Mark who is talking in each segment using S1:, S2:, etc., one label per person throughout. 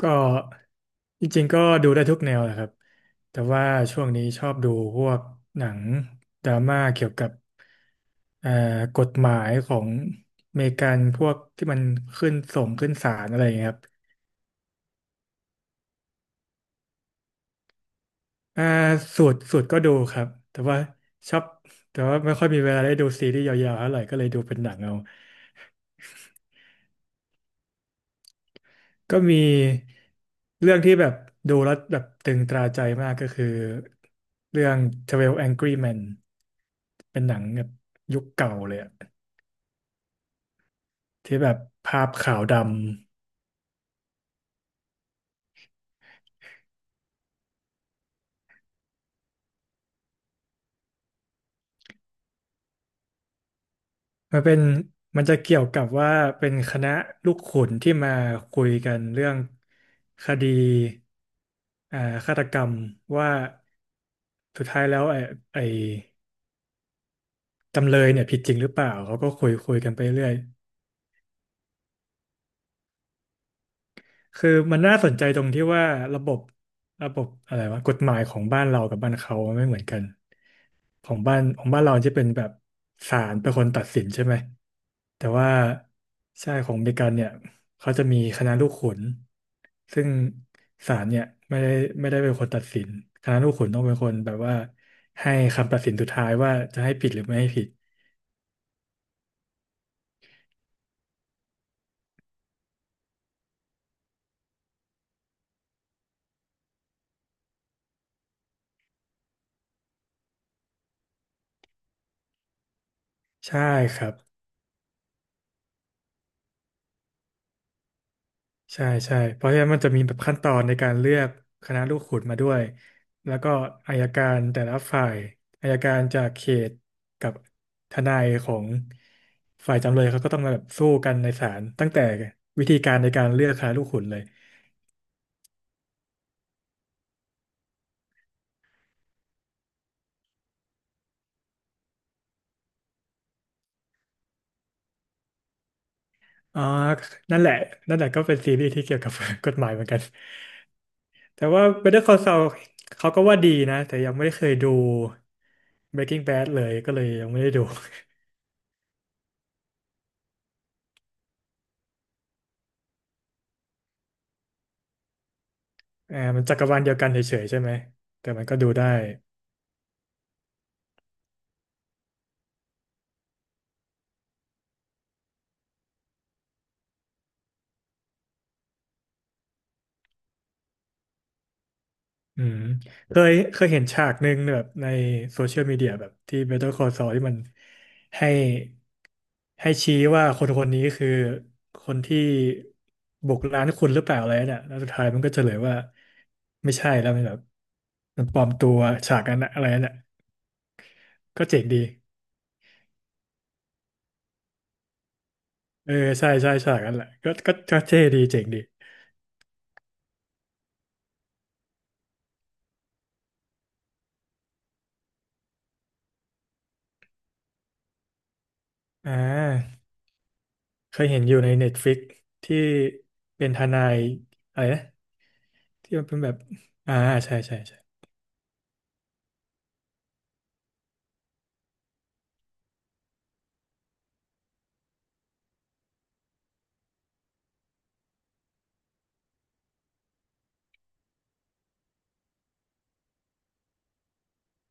S1: ก็จริงๆก็ดูได้ทุกแนวแหละครับแต่ว่าช่วงนี้ชอบดูพวกหนังดราม่าเกี่ยวกับเอ่อกฎหมายของอเมริกันพวกที่มันขึ้นส่งขึ้นศาลอะไรอย่างเงี้ยครับอ่าสูตรสูตรก็ดูครับแต่ว่าชอบแต่ว่าไม่ค่อยมีเวลาได้ดูซีรีส์ยาวๆเท่าไหร่ก็เลยดูเป็นหนังเอาก็มีเรื่องที่แบบดูแล้วแบบตึงตราใจมากก็คือเรื่อง12 Angry Men เป็นหนังแบบยุคเก่าเลยอะที่แบบภาพขาวดำมันเป็นมันจะเกี่ยวกับว่าเป็นคณะลูกขุนที่มาคุยกันเรื่องคดีอ่าฆาตกรรมว่าสุดท้ายแล้วไอ้จำเลยเนี่ยผิดจริงหรือเปล่าเขาก็คุยคุยกันไปเรื่อย คือมันน่าสนใจตรงที่ว่าระบบระบบอะไรวะกฎหมายของบ้านเรากับบ้านเขาไม่เหมือนกันของบ้านเราจะเป็นแบบศาลเป็นคนตัดสินใช่ไหมแต่ว่าใช่ของอเมริกันเนี่ยเขาจะมีคณะลูกขุนซึ่งศาลเนี่ยไม่ได้ไม่ได้เป็นคนตัดสินคณะลูกขุนต้องเป็นคนแบบว่าให้คำตัดสินสุดท้ายว่าจะให้ผิดหรือไม่ให้ผิดใช่ครับ ใช่ใช่เพราะฉะนั้นมันจะมีแบบขั้นตอนในการเลือกคณะลูกขุนมาด้วยแล้วก็อัยการแต่ละฝ่ายอัยการจากเขตกับทนายของฝ่ายจำเลยเขาก็ต้องมาแบบสู้กันในศาลตั้งแต่วิธีการในการเลือกคณะลูกขุนเลยอ๋อนั่นแหละนั่นแหละก็เป็นซีรีส์ที่เกี่ยวกับ กฎหมายเหมือนกันแต่ว่า Better Call Saul เขาก็ว่าดีนะแต่ยังไม่ได้เคยดู Breaking Bad เลยก็เลยยังไม่ได้ดู อ่ามันจักรวาลเดียวกันเฉยๆใช่ไหมแต่มันก็ดูได้ อืมเคยเห็นฉากหนึ่งแบบในโซเชียลมีเดียแบบที่ Better Call Saul ที่มันให้ให้ชี้ว่าคนคนนี้คือคนที่บุกร้านคุณหรือเปล่าอะไรเนี่ยแล้วสุดท้ายมันก็เฉลยว่าไม่ใช่แล้วมันแบบมันปลอมตัวฉากนั้นน่ะอะไรน่ะก็เจ๋งดีเออใช่ใช่ฉากนั้นแหละก็เท่ดีเจ๋งดีอ่าเคยเห็นอยู่ใน Netflix ที่เป็นทนายอะไรนะที่มันเป็นแบบอ่าใช่ใช่ใช่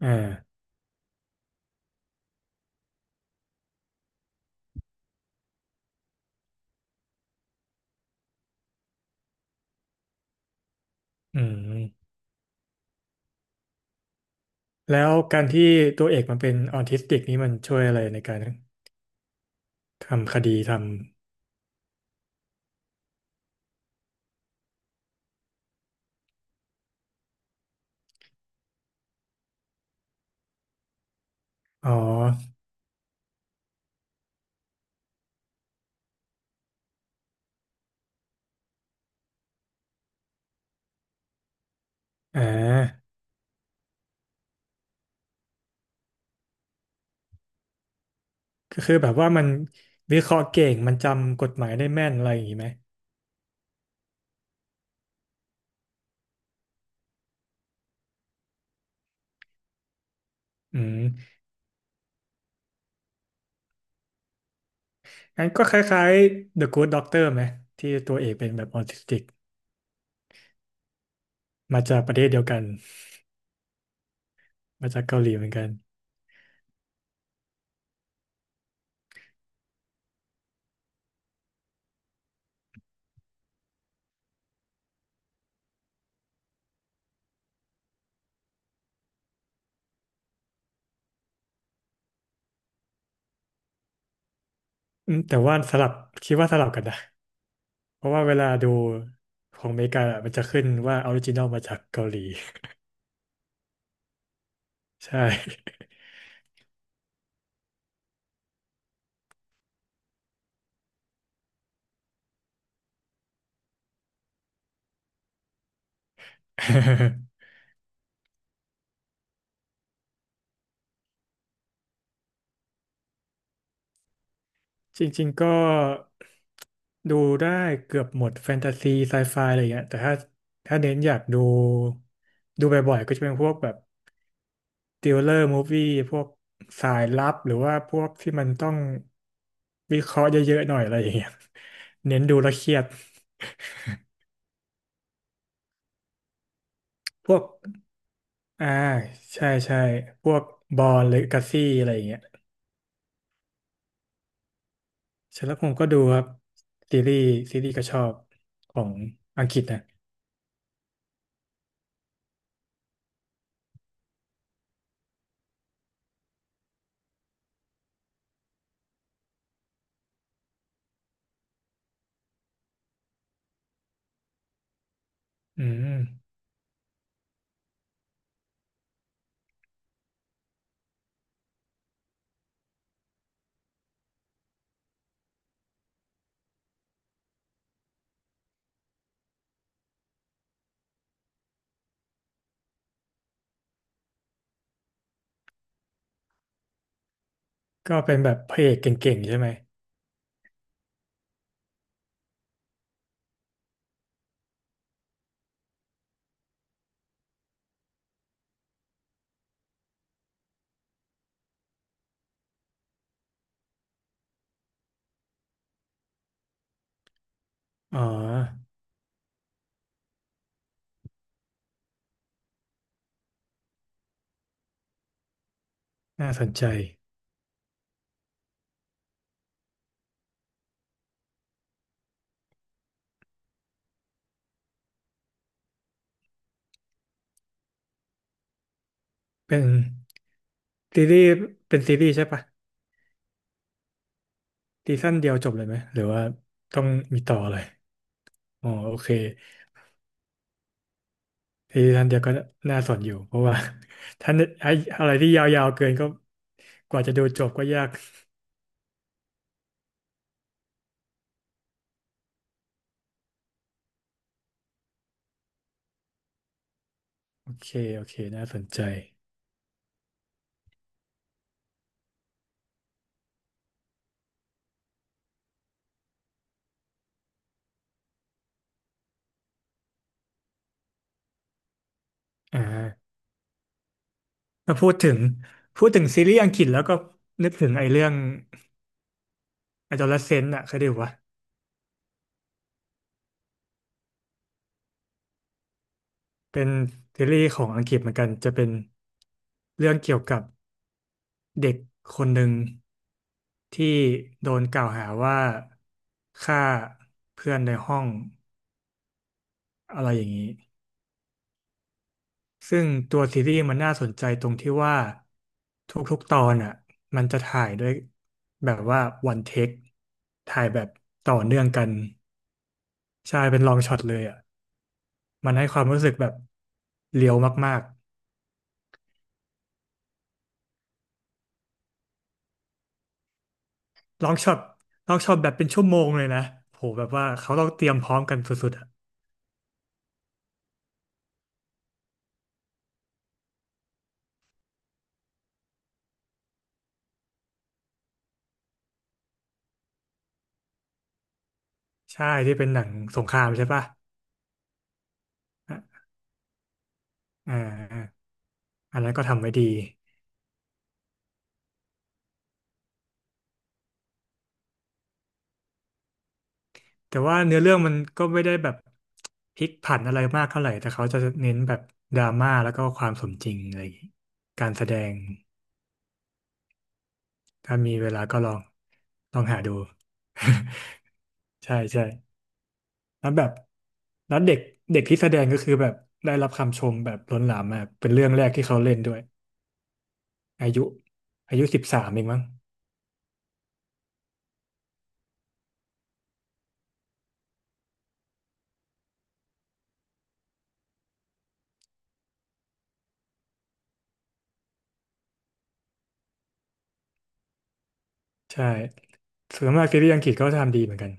S1: อ่า อืมแล้วการที่ตัวเอกมันเป็นออทิสติกนี่มันช่วยอะไรในการทำคดีทำอ๋ออ่าก็คือแบบว่ามันวิเคราะห์เก่งมันจำกฎหมายได้แม่นอะไรอย่างนี้ไหมอืมงั้นก็คล้ายๆ The Good Doctor ไหมที่ตัวเอกเป็นแบบออทิสติกมาจากประเทศเดียวกันมาจากเกาหลีเหมือนกันอืมแต่ว่าสลับคิดว่าสลับกันนะเพราะว่าเวลาดูของอเมริกาอะมันจะขึ้นว่าออริจินอลมาจากเกาหลี ใช่ จริงๆก็ ดูได้เกือบหมดแฟนตาซีไซไฟอะไรอย่างเงี้ยแต่ถ้าถ้าเน้นอยากดูดูบ่อยๆก็จะเป็นพวกแบบติวเลอร์มูฟวี่พวกสายลับหรือว่าพวกที่มันต้องวิเคราะห์เยอะๆหน่อยอะไรอย่างเงี้ย เน้นดูแล้วเครียดพวกอ่าใช่ใช่พวกบอลหรือกัซซี่อะไรอย่างเงี้ยฉันแล้วผมก็ดูครับซีรีส์ซีรีส์ก็ชอบของอังกฤษนะอืมก็เป็นแบบพระเอกเก่งๆใช่ไหมอ๋อน่าสนใจ เป็นซีรีส์เป็นซีรีส์ใช่ปะซีซั่นเดียวจบเลยไหมหรือว่าต้องมีต่อเลยอ๋อโอเคซีซั่นเดียวก็น่าสนอยู่เพราะว่า ถ้าไอ้อะไรที่ยาวๆเกินก็กว่าจะดูจบก็ยากโอเคโอเคน่าสนใจอ่ามาพูดถึงพูดถึงซีรีส์อังกฤษแล้วก็นึกถึงไอ้เรื่อง Adolescent อะเคยดูวะเป็นซีรีส์ของอังกฤษเหมือนกันจะเป็นเรื่องเกี่ยวกับ เด็กคนหนึ่งที่โดนกล่าวหาว่าฆ่าเพื่อนในห้องอะไรอย่างนี้ ซึ่งตัวซีรีส์มันน่าสนใจตรงที่ว่าทุกๆตอนอ่ะมันจะถ่ายด้วยแบบว่าวันเทคถ่ายแบบต่อเนื่องกัน ใช่เป็นลองช็อตเลยอ่ะมันให้ความรู้สึกแบบเรียวมากๆลองช็อตลองช็อตแบบเป็นชั่วโมงเลยนะโหแบบว่าเขาต้องเตรียมพร้อมกันสุดๆอ่ะใช่ที่เป็นหนังสงครามใช่ปะ อ่าอันนั้นก็ทำไว้ดีแต่ว่าเนื้อเรื่องมันก็ไม่ได้แบบพลิกผันอะไรมากเท่าไหร่แต่เขาจะเน้นแบบดราม่าแล้วก็ความสมจริงอะไรอย่างงี้การแสดงถ้ามีเวลาก็ลองลองหาดู ใช่ใช่แล้วแบบแล้วเด็กเด็กที่แสดงก็คือแบบได้รับคำชมแบบล้นหลามมากเป็นเรื่องแรกที่เขาเล่นด้วยอายุอายุ13เองมั้งใช่ส่วนมากซีรีส์อังกฤษก็ทำดีเหมือนกัน